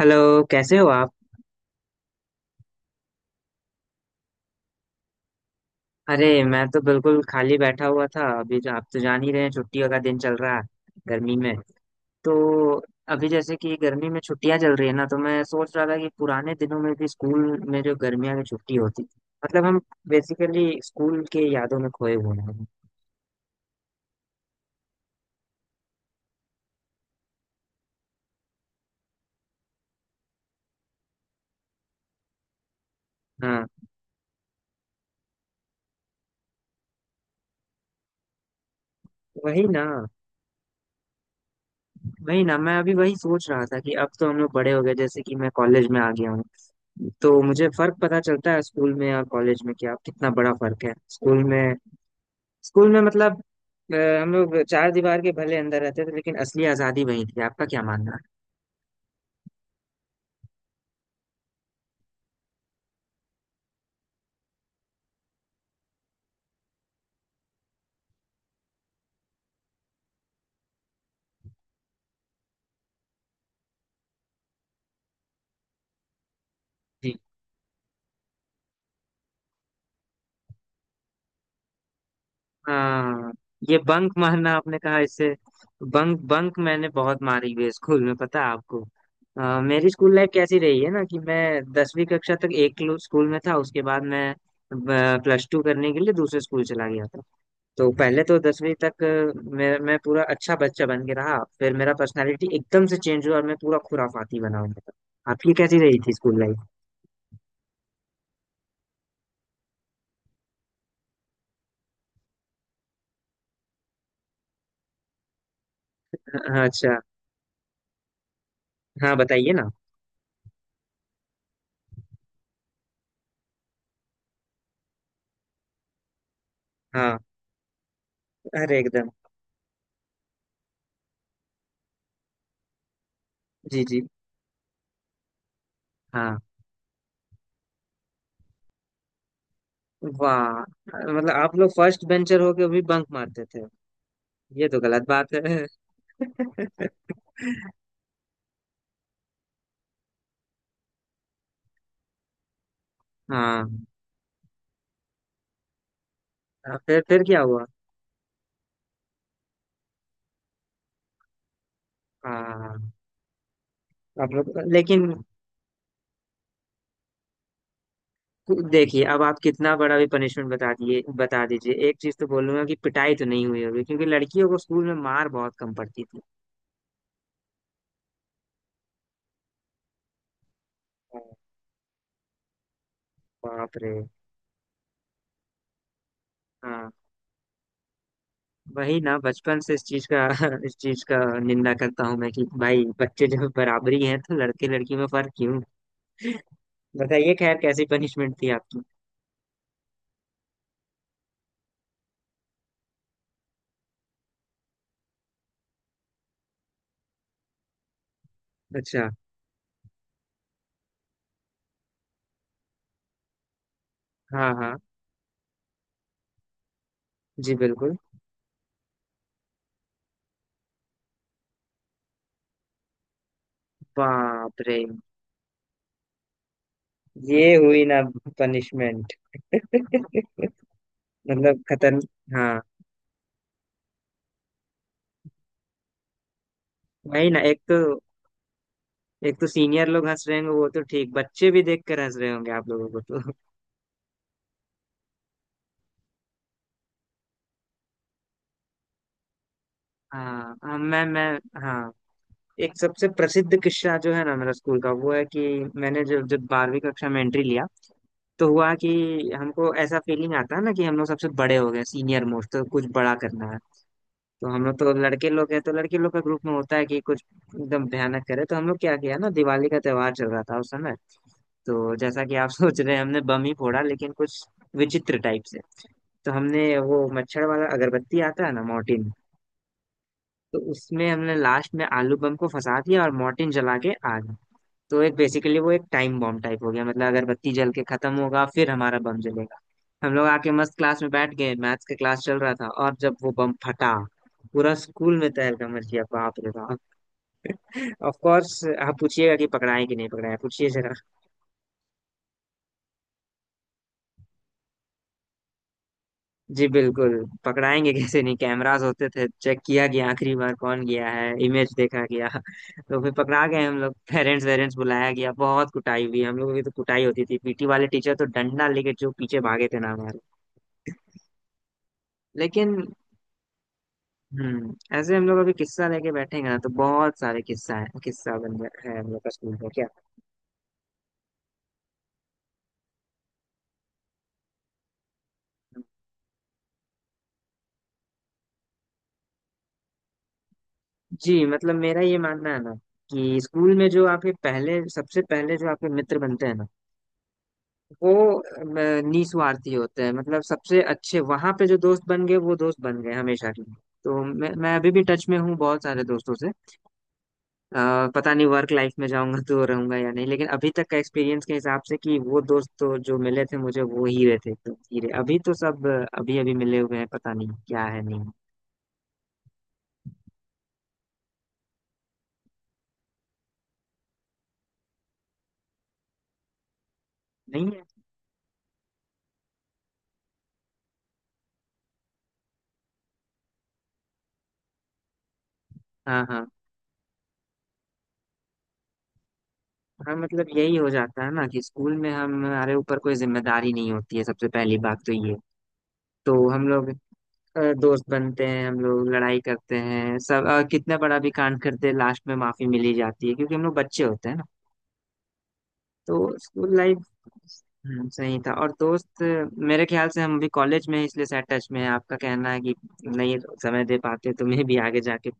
Hello. कैसे हो आप? अरे मैं तो बिल्कुल खाली बैठा हुआ था। अभी जो आप तो जान ही रहे हैं, छुट्टियों का दिन चल रहा है, गर्मी में। तो अभी जैसे कि गर्मी में छुट्टियां चल रही है ना, तो मैं सोच रहा था कि पुराने दिनों में भी स्कूल में जो गर्मियों की छुट्टी होती थी। मतलब हम बेसिकली स्कूल के यादों में खोए हुए हैं। हाँ, वही ना। वही ना, मैं अभी वही सोच रहा था कि अब तो हम लोग बड़े हो गए। जैसे कि मैं कॉलेज में आ गया हूँ, तो मुझे फर्क पता चलता है स्कूल में और कॉलेज में कि आप कितना बड़ा फर्क है। स्कूल में, स्कूल में मतलब अ, हम लोग चार दीवार के भले अंदर रहते थे, लेकिन असली आजादी वही थी। आपका क्या मानना है? जी। हाँ, ये बंक मारना आपने कहा, इससे बंक बंक मैंने बहुत मारी हुई है स्कूल में, पता है आपको? मेरी स्कूल लाइफ कैसी रही है ना, कि मैं दसवीं कक्षा तक एक स्कूल में था। उसके बाद मैं प्लस टू करने के लिए दूसरे स्कूल चला गया था। तो पहले तो दसवीं तक मैं पूरा अच्छा बच्चा बन के रहा, फिर मेरा पर्सनालिटी एकदम से चेंज हुआ और मैं पूरा खुराफाती बना हुआ था। आपकी कैसी रही थी स्कूल? हाँ, अच्छा। हाँ, बताइए ना। हाँ, अरे एकदम। जी जी। हाँ, वाह। मतलब आप लोग फर्स्ट बेंचर होके भी बंक मारते थे? ये तो गलत बात है। हाँ। हाँ, फिर क्या हुआ? हाँ, आप लोग लेकिन। देखिए, अब आप कितना बड़ा भी पनिशमेंट बता दीजिए। एक चीज तो बोलूंगा कि पिटाई तो नहीं हुई होगी, क्योंकि लड़कियों को स्कूल में मार बहुत कम पड़ती थी। हाँ। बाप रे। हाँ, वही ना, बचपन से इस चीज का इस चीज का निंदा करता हूँ मैं कि भाई बच्चे जब बराबरी हैं तो लड़के लड़की में फर्क क्यों? बताइए, खैर कैसी पनिशमेंट थी आपकी? अच्छा। हाँ हाँ। जी बिल्कुल। बाप रे, ये हुई ना पनिशमेंट। मतलब खतरन। हाँ, वही ना, एक तो, एक तो सीनियर लोग हंस रहे होंगे, वो तो ठीक, बच्चे भी देख कर हंस रहे होंगे आप लोगों को तो। हाँ हाँ, मैं। हाँ, एक सबसे प्रसिद्ध किस्सा जो है ना मेरा स्कूल का, वो है कि मैंने जब जब बारहवीं कक्षा में एंट्री लिया, तो हुआ कि हमको ऐसा फीलिंग आता है ना कि हम लोग सबसे बड़े हो गए, सीनियर मोस्ट, तो कुछ बड़ा करना है। तो हम लोग तो लड़के लोग हैं, तो लड़के लोग का ग्रुप में होता है कि कुछ एकदम भयानक करे। तो हम लोग क्या किया ना, दिवाली का त्योहार चल रहा था उस समय। तो जैसा कि आप सोच रहे हैं, हमने बम ही फोड़ा, लेकिन कुछ विचित्र टाइप से। तो हमने वो मच्छर वाला अगरबत्ती आता है ना, मोर्टिन, तो उसमें हमने लास्ट में आलू बम को फंसा दिया और मोर्टिन जला के आग। तो एक बेसिकली वो एक टाइम बॉम्ब टाइप हो गया, मतलब अगरबत्ती जल के खत्म होगा फिर हमारा बम जलेगा। हम लोग आके मस्त क्लास में बैठ गए, मैथ्स का क्लास चल रहा था, और जब वो बम फटा, पूरा स्कूल में तहलका मच गया, बाप रे बाप। Of course. आप पूछिएगा कि पकड़ाएं कि नहीं पकड़ाएं, पूछिए जरा। जी बिल्कुल। पकड़ाएंगे कैसे नहीं, कैमरास होते थे, चेक किया गया आखिरी बार कौन गया है, इमेज देखा गया, तो फिर पकड़ा गए हम लोग। पेरेंट्स वेरेंट्स बुलाया गया, बहुत कुटाई हुई हम लोगों की। तो कुटाई होती थी, पीटी वाले टीचर तो डंडा लेके जो पीछे भागे थे ना। लेकिन हम्म, ऐसे हम लोग अभी किस्सा लेके बैठेंगे ना, तो बहुत सारे किस्सा है, किस्सा बन गया है हम लोग का स्कूल में क्या। जी, मतलब मेरा ये मानना है ना कि स्कूल में जो आपके पहले, सबसे पहले जो आपके मित्र बनते हैं ना, वो अम, निस्वार्थी होते हैं। मतलब सबसे अच्छे वहां पे जो दोस्त बन गए वो दोस्त बन गए हमेशा के लिए। तो मैं अभी भी टच में हूँ बहुत सारे दोस्तों से। अ, पता नहीं वर्क लाइफ में जाऊंगा तो रहूंगा या नहीं, लेकिन अभी तक का एक्सपीरियंस के हिसाब से कि वो दोस्त तो जो मिले थे मुझे, वो ही रहे थे, तो हीरे अभी तो सब अभी अभी मिले हुए हैं, पता नहीं क्या है। नहीं, नहीं है। हाँ हाँ। हाँ, मतलब यही हो जाता है ना कि स्कूल में हमारे ऊपर कोई जिम्मेदारी नहीं होती है, सबसे पहली बात तो ये। तो हम लोग दोस्त बनते हैं, हम लोग लड़ाई करते हैं, सब कितना बड़ा भी कांड करते हैं, लास्ट में माफी मिली जाती है क्योंकि हम लोग बच्चे होते हैं। तो स्कूल लाइफ सही था। और दोस्त, मेरे ख्याल से हम अभी कॉलेज में हैं, इसलिए शायद टच में है। आपका कहना है कि नहीं समय दे पाते, तो मैं भी आगे जाके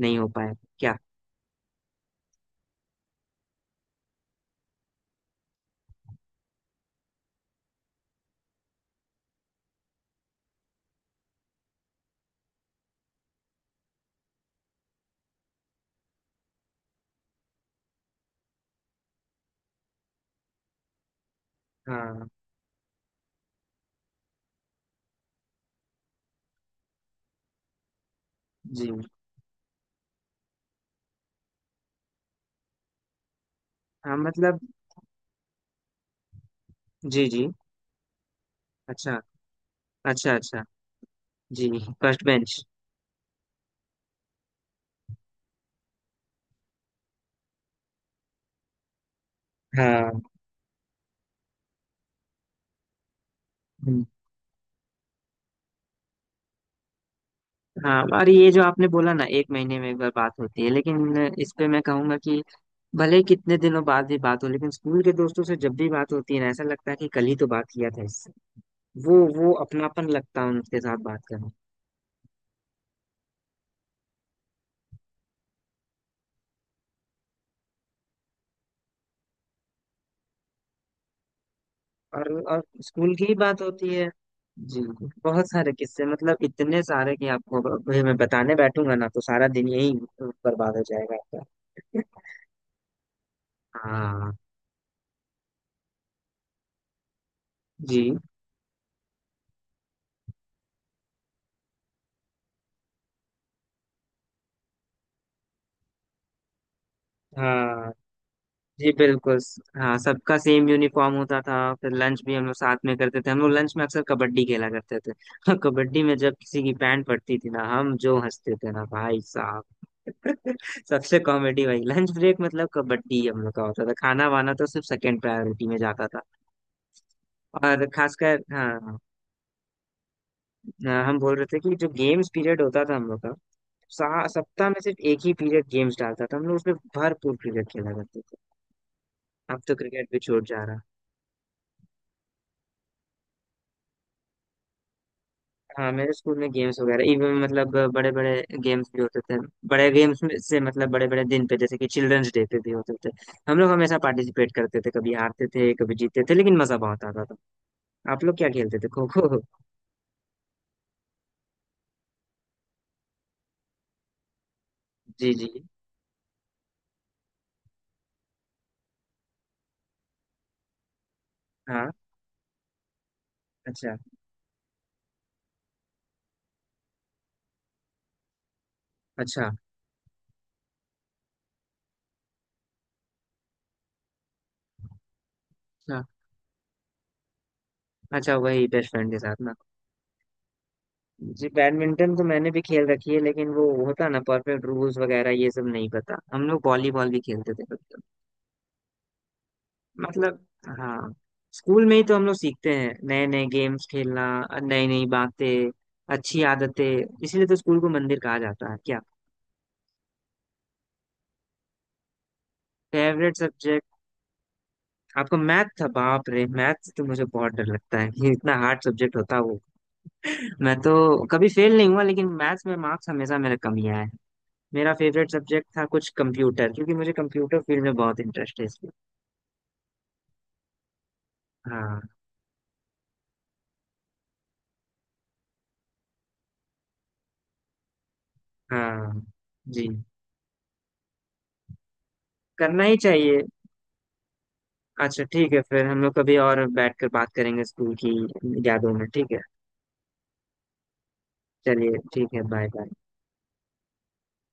नहीं हो पाया क्या। हाँ। जी। हाँ, मतलब। जी जी। अच्छा, अच्छा अच्छा। जी। First bench. हाँ। हम्म। हाँ, और ये जो आपने बोला ना एक महीने में एक बार बात होती है, लेकिन इस पे मैं कहूंगा कि भले ही कितने दिनों बाद भी बात हो, लेकिन स्कूल के दोस्तों से जब भी बात होती है ना, ऐसा लगता है कि कल ही तो बात किया था इससे। वो अपनापन लगता है उनके साथ बात करने। और स्कूल की ही बात होती है। जी, बहुत सारे किस्से, मतलब इतने सारे कि आपको अगर मैं बताने बैठूंगा ना तो सारा दिन यही बर्बाद हो जाएगा आपका। हाँ। जी। हाँ। जी बिल्कुल। हाँ, सबका सेम यूनिफॉर्म होता था। फिर लंच भी हम लोग साथ में करते थे, हम लोग लंच में अक्सर कबड्डी खेला करते थे, और कबड्डी में जब किसी की पैंट पड़ती थी ना, हम जो हंसते थे ना भाई साहब, सबसे कॉमेडी भाई लंच ब्रेक, मतलब कबड्डी हम लोग का होता था, खाना वाना तो सिर्फ सेकंड प्रायोरिटी में जाता था। और खासकर हाँ। हाँ, हम बोल रहे थे कि जो गेम्स पीरियड होता था हम लोग का, सप्ताह में सिर्फ एक ही पीरियड गेम्स डालता था। हम लोग उसमें भरपूर क्रिकेट खेला करते थे। अब तो क्रिकेट भी छूट जा रहा। हाँ, मेरे स्कूल में गेम्स वगैरह इवन मतलब बड़े बड़े गेम्स भी होते थे। बड़े गेम्स में से मतलब बड़े बड़े दिन पे, जैसे कि चिल्ड्रंस डे पे भी होते थे। हम लोग हमेशा पार्टिसिपेट करते थे, कभी हारते थे कभी जीतते थे, लेकिन मजा बहुत आता था। आप लोग क्या खेलते थे, खो खो? जी जी। हाँ। अच्छा, अच्छा। हाँ, अच्छा, वही बेस्ट फ्रेंड के साथ ना? जी, बैडमिंटन तो मैंने भी खेल रखी है, लेकिन वो होता ना परफेक्ट रूल्स वगैरह ये सब नहीं पता। हम लोग वॉलीबॉल भी खेलते थे कभी-कभी। मतलब, हाँ, स्कूल में ही तो हम लोग सीखते हैं नए नए गेम्स खेलना, नई नई बातें, अच्छी आदतें। इसीलिए तो स्कूल को मंदिर कहा जाता है क्या। फेवरेट सब्जेक्ट आपका मैथ था? बाप रे, मैथ से तो मुझे बहुत डर लगता है, ये इतना हार्ड सब्जेक्ट होता है वो। मैं तो कभी फेल नहीं हुआ, लेकिन मैथ्स में मार्क्स हमेशा मेरा कम ही आया है। मेरा फेवरेट सब्जेक्ट था कुछ कंप्यूटर, क्योंकि मुझे कंप्यूटर फील्ड में बहुत इंटरेस्ट है इसलिए। हाँ। हाँ। जी। करना ही चाहिए। अच्छा ठीक है, फिर हम लोग कभी और बैठ कर बात करेंगे स्कूल की यादों में, ठीक है। चलिए ठीक है, बाय बाय।